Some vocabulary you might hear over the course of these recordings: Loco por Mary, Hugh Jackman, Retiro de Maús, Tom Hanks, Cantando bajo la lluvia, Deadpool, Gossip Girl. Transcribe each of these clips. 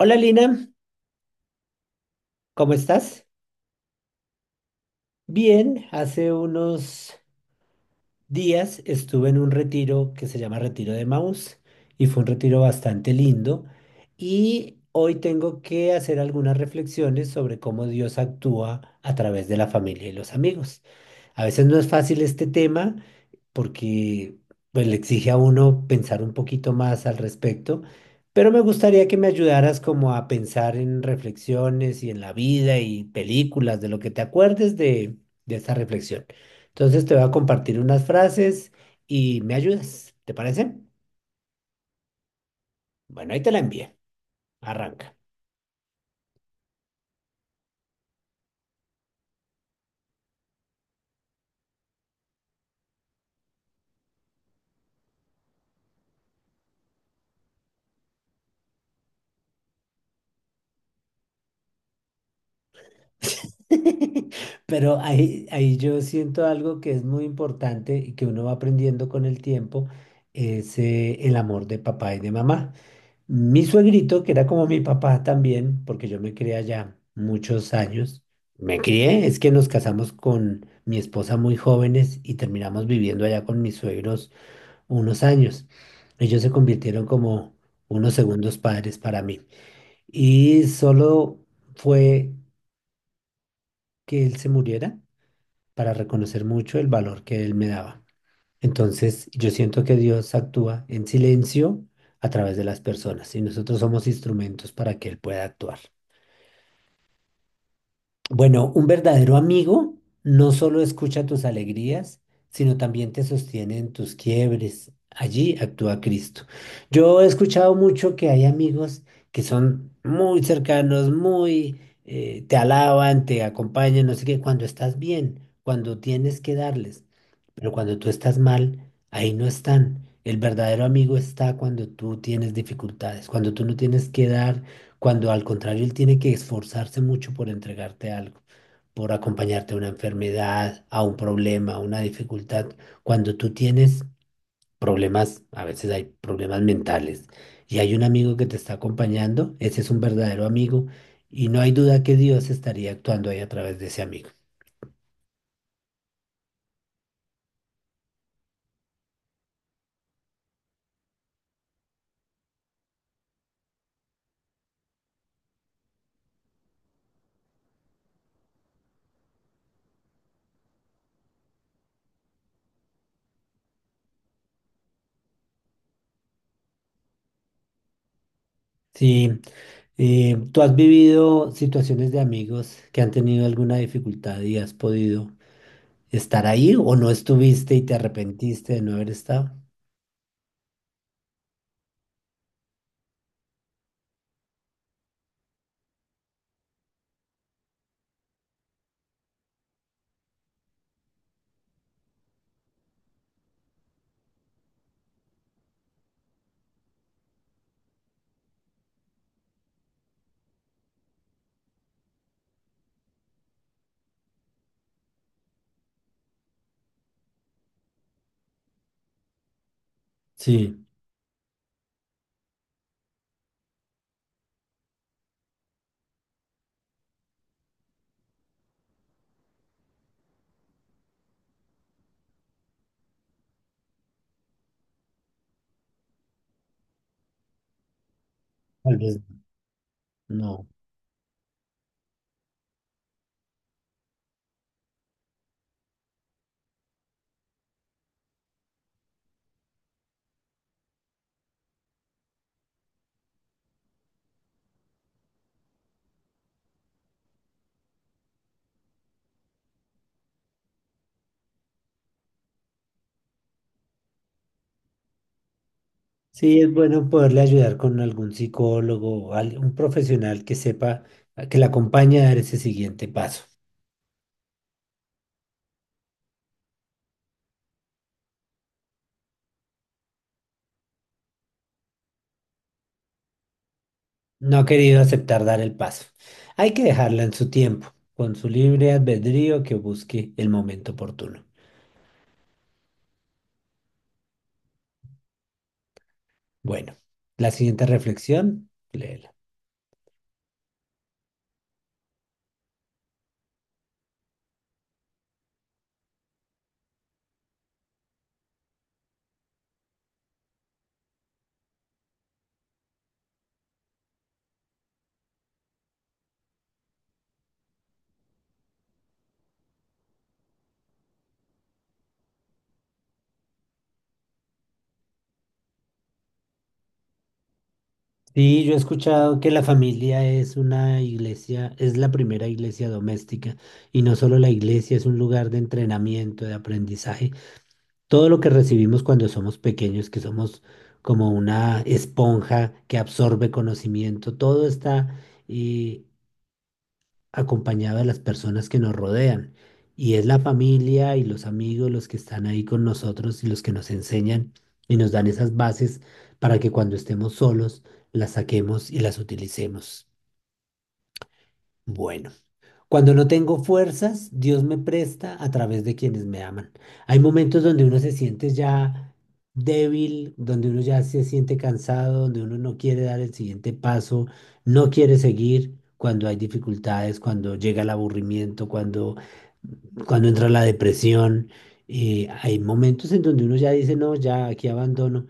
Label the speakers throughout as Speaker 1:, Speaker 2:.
Speaker 1: Hola Lina, ¿cómo estás? Bien, hace unos días estuve en un retiro que se llama Retiro de Maús y fue un retiro bastante lindo, y hoy tengo que hacer algunas reflexiones sobre cómo Dios actúa a través de la familia y los amigos. A veces no es fácil este tema porque pues, le exige a uno pensar un poquito más al respecto, pero me gustaría que me ayudaras como a pensar en reflexiones y en la vida y películas, de lo que te acuerdes de esta reflexión. Entonces te voy a compartir unas frases y me ayudas, ¿te parece? Bueno, ahí te la envié, arranca. Pero ahí yo siento algo que es muy importante y que uno va aprendiendo con el tiempo, es el amor de papá y de mamá. Mi suegrito, que era como mi papá también, porque yo me crié allá muchos años, me crié, es que nos casamos con mi esposa muy jóvenes y terminamos viviendo allá con mis suegros unos años. Ellos se convirtieron como unos segundos padres para mí. Y solo fue que él se muriera para reconocer mucho el valor que él me daba. Entonces, yo siento que Dios actúa en silencio a través de las personas y nosotros somos instrumentos para que él pueda actuar. Bueno, un verdadero amigo no solo escucha tus alegrías, sino también te sostiene en tus quiebres. Allí actúa Cristo. Yo he escuchado mucho que hay amigos que son muy cercanos, muy te alaban, te acompañan, no sé qué, cuando estás bien, cuando tienes que darles. Pero cuando tú estás mal, ahí no están. El verdadero amigo está cuando tú tienes dificultades, cuando tú no tienes que dar, cuando al contrario él tiene que esforzarse mucho por entregarte algo, por acompañarte a una enfermedad, a un problema, a una dificultad. Cuando tú tienes problemas, a veces hay problemas mentales, y hay un amigo que te está acompañando, ese es un verdadero amigo, y no hay duda que Dios estaría actuando ahí a través de ese amigo. Sí, ¿tú has vivido situaciones de amigos que han tenido alguna dificultad y has podido estar ahí o no estuviste y te arrepentiste de no haber estado? Sí, tal vez no. Sí, es bueno poderle ayudar con algún psicólogo o un profesional que sepa, que la acompañe a dar ese siguiente paso. No ha querido aceptar dar el paso. Hay que dejarla en su tiempo, con su libre albedrío que busque el momento oportuno. Bueno, la siguiente reflexión, léela. Sí, yo he escuchado que la familia es una iglesia, es la primera iglesia doméstica y no solo la iglesia, es un lugar de entrenamiento, de aprendizaje. Todo lo que recibimos cuando somos pequeños, que somos como una esponja que absorbe conocimiento, todo está eh, acompañado de las personas que nos rodean. Y es la familia y los amigos los que están ahí con nosotros y los que nos enseñan y nos dan esas bases para que cuando estemos solos las saquemos y las utilicemos. Bueno. Cuando no tengo fuerzas, Dios me presta a través de quienes me aman. Hay momentos donde uno se siente ya débil, donde uno ya se siente cansado, donde uno no quiere dar el siguiente paso, no quiere seguir cuando hay dificultades, cuando llega el aburrimiento, cuando entra la depresión. Hay momentos en donde uno ya dice, no, ya aquí abandono.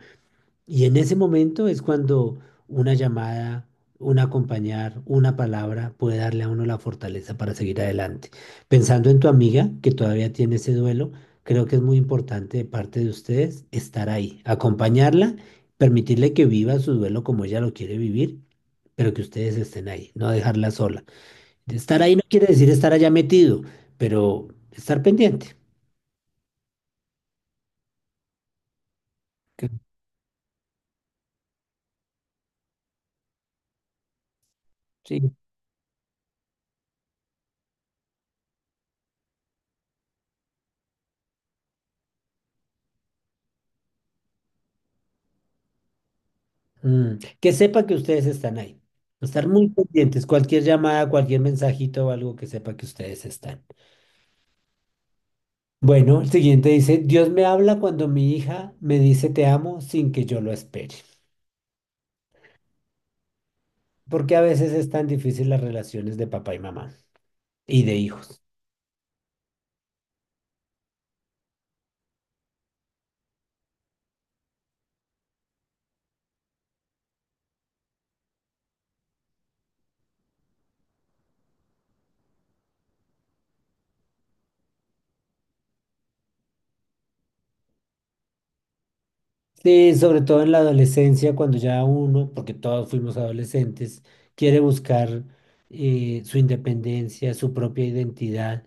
Speaker 1: Y en ese momento es cuando una llamada, un acompañar, una palabra puede darle a uno la fortaleza para seguir adelante. Pensando en tu amiga que todavía tiene ese duelo, creo que es muy importante de parte de ustedes estar ahí, acompañarla, permitirle que viva su duelo como ella lo quiere vivir, pero que ustedes estén ahí, no dejarla sola. Estar ahí no quiere decir estar allá metido, pero estar pendiente. Sí, mm, que sepa que ustedes están ahí. Estar muy pendientes, cualquier llamada, cualquier mensajito o algo que sepa que ustedes están. Bueno, el siguiente dice, Dios me habla cuando mi hija me dice te amo sin que yo lo espere. Porque a veces es tan difícil las relaciones de papá y mamá y de hijos. Sí, sobre todo en la adolescencia, cuando ya uno, porque todos fuimos adolescentes, quiere buscar su independencia, su propia identidad.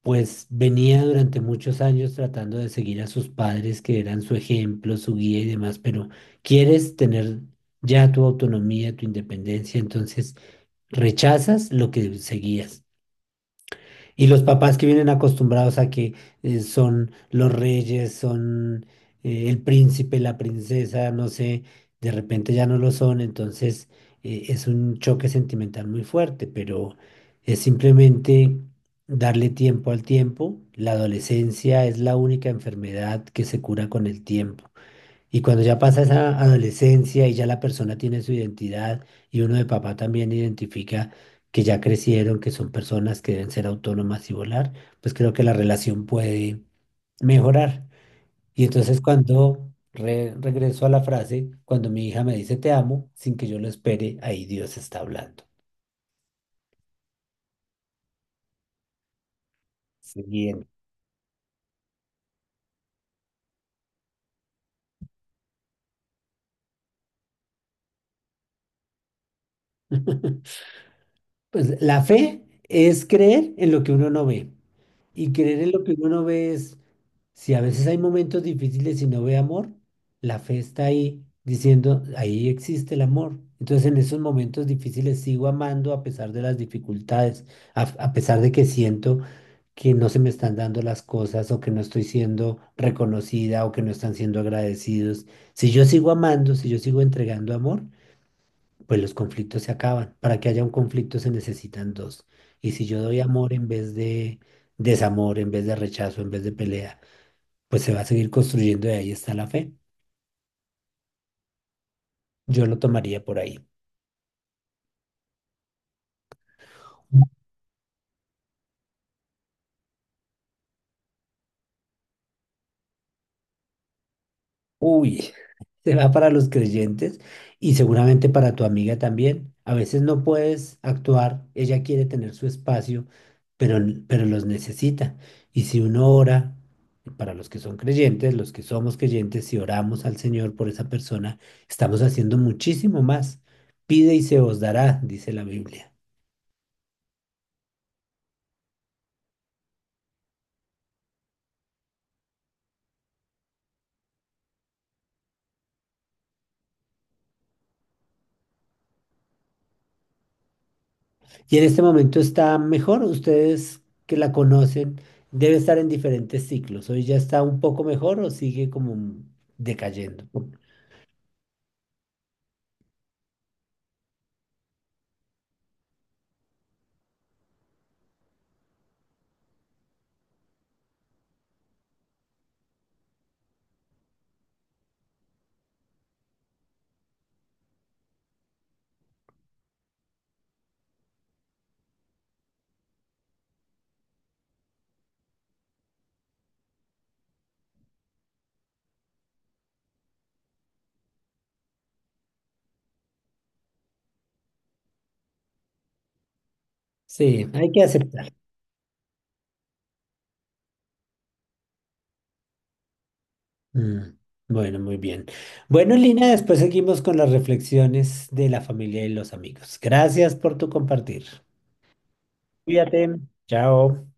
Speaker 1: Pues venía durante muchos años tratando de seguir a sus padres, que eran su ejemplo, su guía y demás, pero quieres tener ya tu autonomía, tu independencia, entonces rechazas lo que seguías. Y los papás que vienen acostumbrados a que son los reyes, son el príncipe, la princesa, no sé, de repente ya no lo son, entonces es un choque sentimental muy fuerte, pero es simplemente darle tiempo al tiempo. La adolescencia es la única enfermedad que se cura con el tiempo. Y cuando ya pasa esa adolescencia y ya la persona tiene su identidad y uno de papá también identifica que ya crecieron, que son personas que deben ser autónomas y volar, pues creo que la relación puede mejorar. Y entonces cuando regreso a la frase, cuando mi hija me dice te amo, sin que yo lo espere, ahí Dios está hablando. Siguiente. Pues la fe es creer en lo que uno no ve. Y creer en lo que uno no ve es, si a veces hay momentos difíciles y no ve amor, la fe está ahí diciendo, ahí existe el amor. Entonces en esos momentos difíciles sigo amando a pesar de las dificultades, a pesar de que siento que no se me están dando las cosas o que no estoy siendo reconocida o que no están siendo agradecidos. Si yo sigo amando, si yo sigo entregando amor, pues los conflictos se acaban. Para que haya un conflicto se necesitan dos. Y si yo doy amor en vez de desamor, en vez de rechazo, en vez de pelea, pues se va a seguir construyendo y ahí está la fe. Yo lo tomaría por ahí. Uy, será para los creyentes y seguramente para tu amiga también. A veces no puedes actuar, ella quiere tener su espacio, pero, pero los necesita. Y si uno ora, para los que son creyentes, los que somos creyentes, si oramos al Señor por esa persona, estamos haciendo muchísimo más. Pide y se os dará, dice la Biblia. Y en este momento está mejor, ustedes que la conocen, debe estar en diferentes ciclos. Hoy ya está un poco mejor o sigue como mm, decayendo. Sí, hay que aceptar. Mm. Bueno, muy bien. Bueno, Lina, después seguimos con las reflexiones de la familia y los amigos. Gracias por tu compartir. Cuídate. Chao.